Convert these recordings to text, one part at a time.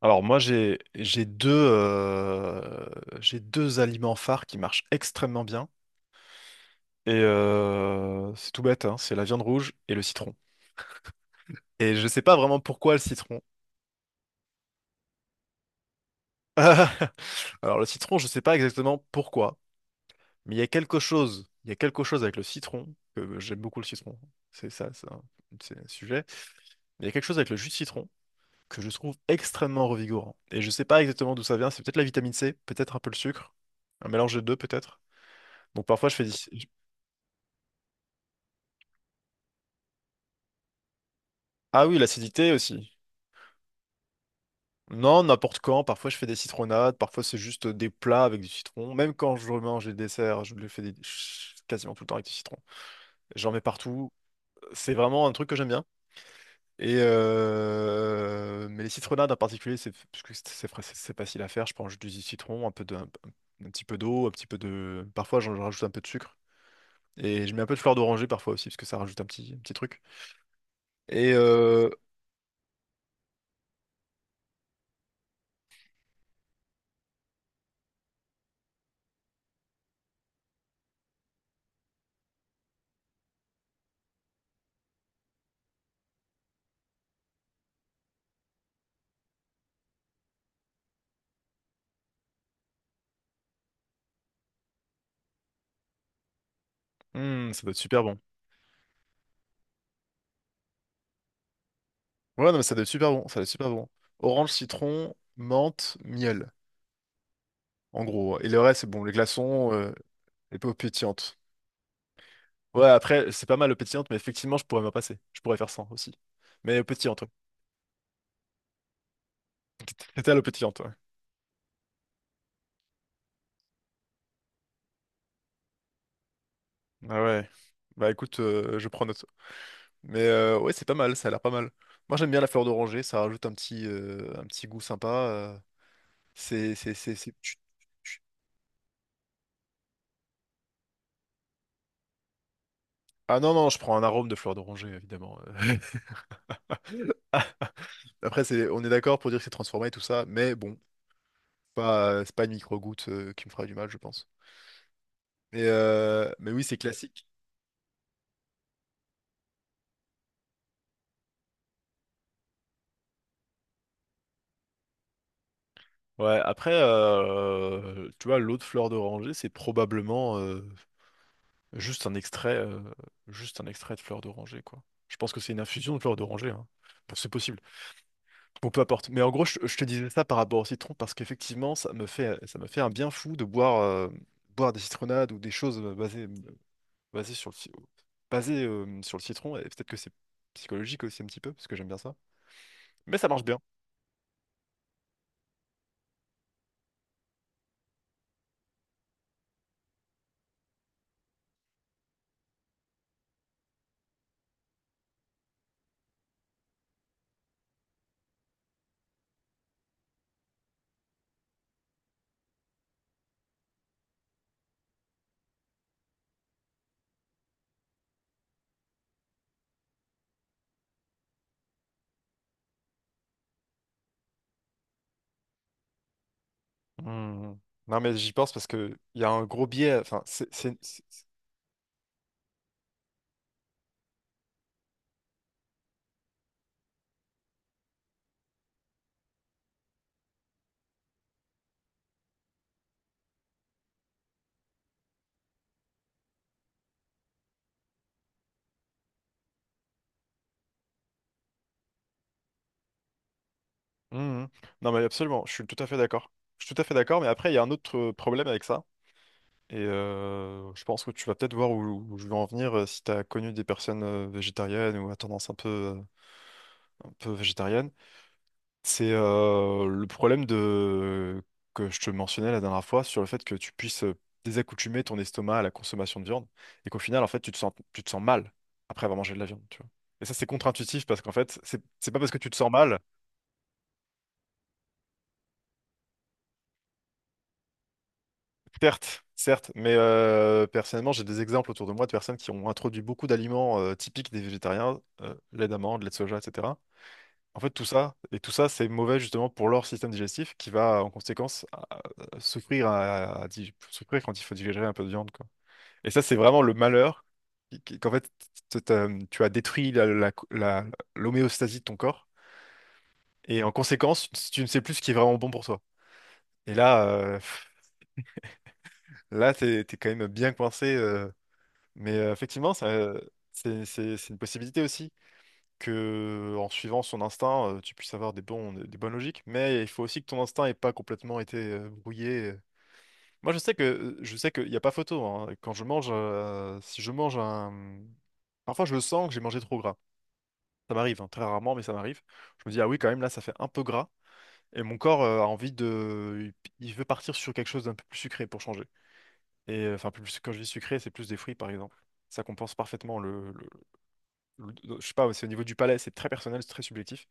Alors moi j'ai deux j'ai deux aliments phares qui marchent extrêmement bien et c'est tout bête hein, c'est la viande rouge et le citron. Et je sais pas vraiment pourquoi le citron. Alors le citron je sais pas exactement pourquoi mais il y a quelque chose il y a quelque chose avec le citron que j'aime beaucoup le citron c'est ça c'est un sujet mais il y a quelque chose avec le jus de citron que je trouve extrêmement revigorant et je sais pas exactement d'où ça vient, c'est peut-être la vitamine C, peut-être un peu le sucre, un mélange des deux peut-être. Donc parfois je fais, ah oui, l'acidité aussi. Non, n'importe quand. Parfois, je fais des citronnades. Parfois, c'est juste des plats avec du citron. Même quand je mange les desserts, je le fais quasiment tout le temps avec du citron. J'en mets partout. C'est vraiment un truc que j'aime bien. Et mais les citronnades en particulier, c'est parce que c'est facile à faire. Je prends juste du citron, un peu de, un petit peu d'eau, un petit peu de. Parfois, j'en rajoute un peu de sucre. Et je mets un peu de fleur d'oranger parfois aussi, parce que ça rajoute un petit truc. Et ça doit être super bon. Ouais, non, mais ça doit être super bon, ça doit être super bon. Orange, citron, menthe, miel, en gros. Et le reste, c'est bon, les glaçons, les peaux pétillantes. Ouais, après, c'est pas mal aux pétillantes, mais effectivement, je pourrais m'en passer. Je pourrais faire ça aussi. Mais aux pétillantes, ouais. C'était à l'eau pétillante, ouais. Ah ouais. Bah écoute, je prends note. Mais ouais, c'est pas mal, ça a l'air pas mal. Moi, j'aime bien la fleur d'oranger, ça rajoute un petit goût sympa. C'est, c'est, c'est, c'est- tu- Ah non, non, je prends un arôme de fleur d'oranger, évidemment. Ah, après, c'est, on est d'accord pour dire que c'est transformé et tout ça, mais bon. Pas, c'est pas une micro-goutte qui me fera du mal, je pense. Mais oui, c'est classique. Ouais, après, tu vois, l'eau de fleur d'oranger, c'est probablement juste un extrait, euh, juste un extrait de fleur d'oranger, quoi. Je pense que c'est une infusion de fleur d'oranger, hein. Bon, c'est possible. Bon, peu importe. Mais en gros, je te disais ça par rapport au citron parce qu'effectivement, ça me fait un bien fou de boire, boire des citronnades ou des choses basées, basées sur le, ci- basées, sur le citron. Et peut-être que c'est psychologique aussi un petit peu, parce que j'aime bien ça. Mais ça marche bien. Hmm. Non, mais j'y pense parce que il y a un gros biais. Enfin, hmm. Non, mais absolument, je suis tout à fait d'accord. Je suis tout à fait d'accord, mais après, il y a un autre problème avec ça. Et je pense que tu vas peut-être voir où je veux en venir si tu as connu des personnes végétariennes ou à tendance un peu végétarienne. C'est le problème de... que je te mentionnais la dernière fois sur le fait que tu puisses désaccoutumer ton estomac à la consommation de viande et qu'au final, en fait, tu te sens mal après avoir mangé de la viande, tu vois. Et ça, c'est contre-intuitif parce qu'en fait, c'est pas parce que tu te sens mal, certes, certes, mais personnellement, j'ai des exemples autour de moi de personnes qui ont introduit beaucoup d'aliments typiques des végétariens, lait d'amande, lait de soja, etc. En fait, tout ça, c'est mauvais justement pour leur système digestif qui va en conséquence à souffrir, souffrir quand il faut digérer un peu de viande, quoi. Et ça, c'est vraiment le malheur qu'en fait, tu as détruit l'homéostasie de ton corps. Et en conséquence, tu ne sais plus ce qui est vraiment bon pour toi. Et là, pff, là, t'es quand même bien coincé. Mais effectivement, ça, c'est une possibilité aussi. Que en suivant son instinct, tu puisses avoir des bonnes logiques, mais il faut aussi que ton instinct ait pas complètement été brouillé. Moi, je sais que je sais qu'il n'y a pas photo. Hein. Quand je mange, si je mange un, parfois je le sens que j'ai mangé trop gras. Ça m'arrive, hein, très rarement, mais ça m'arrive. Je me dis ah oui, quand même là, ça fait un peu gras. Et mon corps a envie de, il veut partir sur quelque chose d'un peu plus sucré pour changer. Et enfin, plus quand je dis sucré, c'est plus des fruits par exemple. Ça compense parfaitement le, je sais pas, c'est au niveau du palais, c'est très personnel, c'est très subjectif.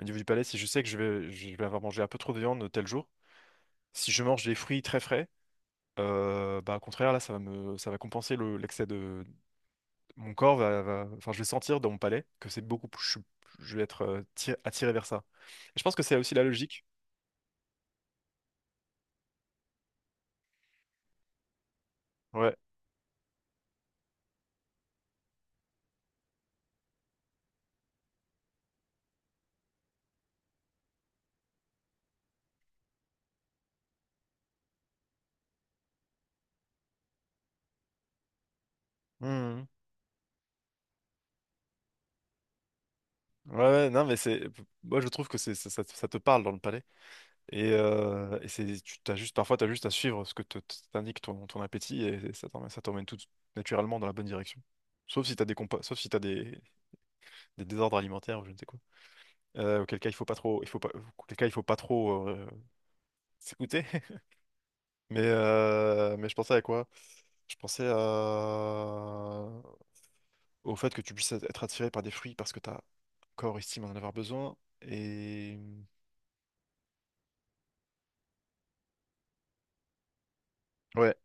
Au niveau du palais, si je sais que je vais avoir mangé un peu trop de viande tel jour, si je mange des fruits très frais, bah, au contraire, là, ça va compenser l'excès de. Mon corps va, va- Enfin, je vais sentir dans mon palais que c'est beaucoup plus. Je vais être attiré vers ça. Et je pense que c'est aussi la logique. Ouais. Mhm. Ouais, ouais, non, mais c'est. Moi, je trouve que c'est, ça, ça te parle dans le palais. Et c'est, parfois, tu as juste à suivre ce que t'indique ton, ton appétit et ça t'emmène, ça t'emmène tout naturellement dans la bonne direction. Sauf si t'as des compas, sauf si t'as des désordres alimentaires ou je ne sais quoi. Auquel cas il faut pas trop, il faut pas, auquel cas il faut pas trop s'écouter. Mais je pensais à quoi? Je pensais à- Au fait que tu puisses être attiré par des fruits parce que ta corps estime en avoir besoin. Et ouais,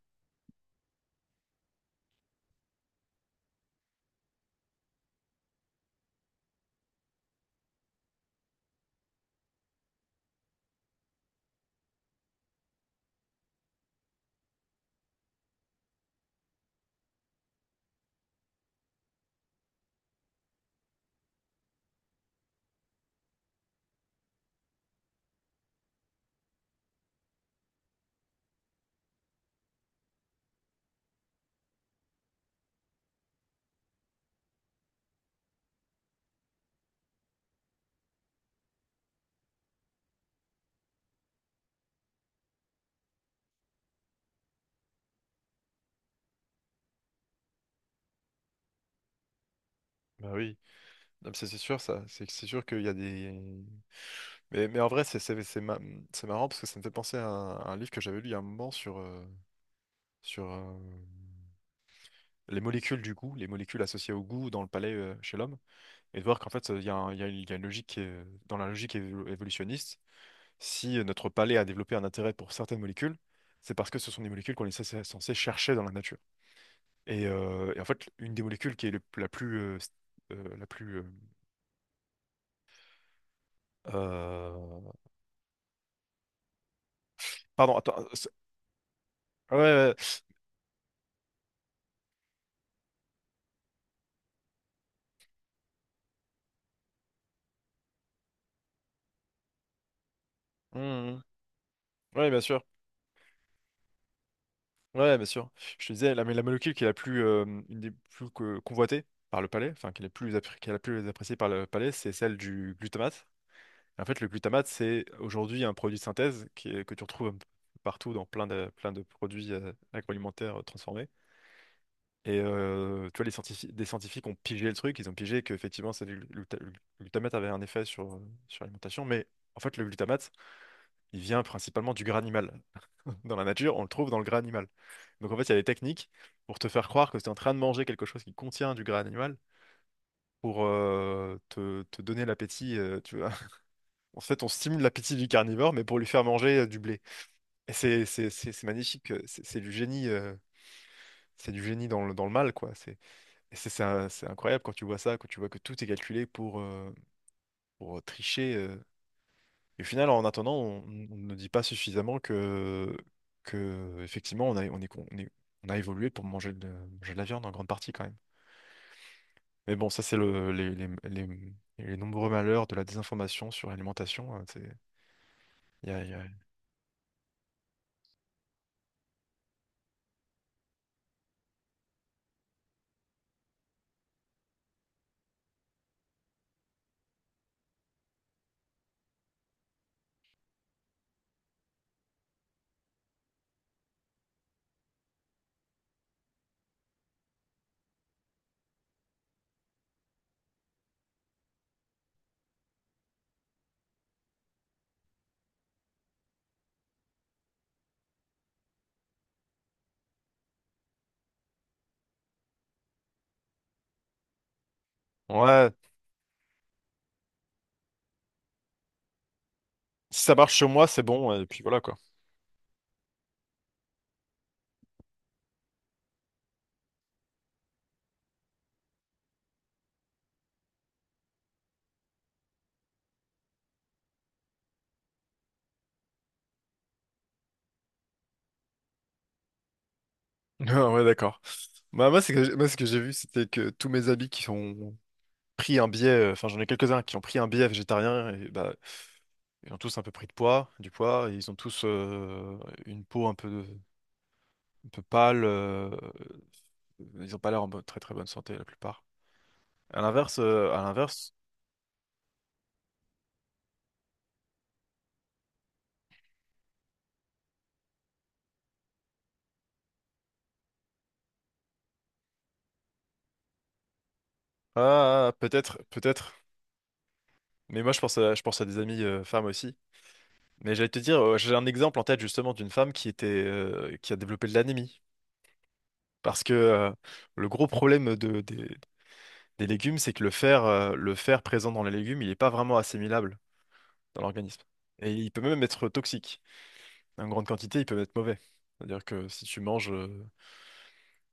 bah oui, non, mais ça, c'est sûr ça, c'est sûr qu'il y a des. Mais en vrai c'est marrant parce que ça me fait penser à un livre que j'avais lu il y a un moment sur sur les molécules du goût, les molécules associées au goût dans le palais chez l'homme. Et de voir qu'en fait, il y a une logique dans la logique évolutionniste, si notre palais a développé un intérêt pour certaines molécules, c'est parce que ce sont des molécules qu'on est censé chercher dans la nature. Et en fait, une des molécules qui est la plus... la plus euh, pardon, attends. Ouais, ouais, ouais. Mmh, mmh. Ouais, bien sûr. Ouais, bien sûr. Je te disais, la, mais la molécule qui est la plus, une des plus convoitées par le palais, enfin, qui est la plus appréciée par le palais, c'est celle du glutamate. En fait, le glutamate, c'est aujourd'hui un produit de synthèse que tu retrouves un peu partout dans plein de produits agroalimentaires transformés. Et tu vois, des scientifiques ont pigé le truc, ils ont pigé qu'effectivement, le glutamate avait un effet sur, sur l'alimentation, mais en fait, le glutamate, il vient principalement du gras animal. Dans la nature, on le trouve dans le gras animal. Donc en fait, il y a des techniques pour te faire croire que tu es en train de manger quelque chose qui contient du gras animal pour te donner l'appétit. Tu vois, en fait, on stimule l'appétit du carnivore, mais pour lui faire manger du blé. Et c'est magnifique, c'est du génie, c'est du génie dans le mal, quoi. C'est, et c'est incroyable quand tu vois ça, quand tu vois que tout est calculé pour tricher. Et au final, en attendant, on ne dit pas suffisamment que effectivement, on a, on est, con- on est, on a évolué pour manger de la viande en grande partie, quand même. Mais bon, ça, c'est le, les nombreux malheurs de la désinformation sur l'alimentation. Hein, il y a- il y a- ouais, si ça marche sur moi, c'est bon, et puis voilà quoi. Ah ouais, d'accord. Bah, moi, moi, ce que j'ai vu, c'était que tous mes amis qui ont pris un biais, enfin, j'en ai quelques-uns qui ont pris un biais végétarien, et bah, ils ont tous un peu du poids, et ils ont tous une peau un peu pâle, ils ont pas l'air très très bonne santé, la plupart. À l'inverse, ah, ah, peut-être, peut-être, mais moi, je pense à des amis femmes aussi. Mais j'allais te dire, j'ai un exemple en tête justement d'une femme qui était, qui a développé de l'anémie. Parce que le gros problème des légumes, c'est que le fer présent dans les légumes, il n'est pas vraiment assimilable dans l'organisme. Et il peut même être toxique. En grande quantité, il peut être mauvais. C'est-à-dire que si tu manges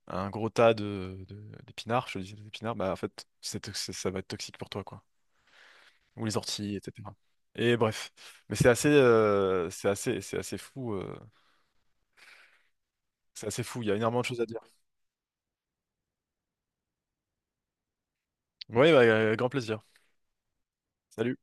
un gros tas de, d'épinards, je te dis des épinards, bah en fait, ça va être toxique pour toi, quoi. Ou les orties, etc. Et bref. Mais c'est assez, c'est assez, c'est assez fou. C'est assez fou. Il y a énormément de choses à dire. Oui, bah, grand plaisir. Salut.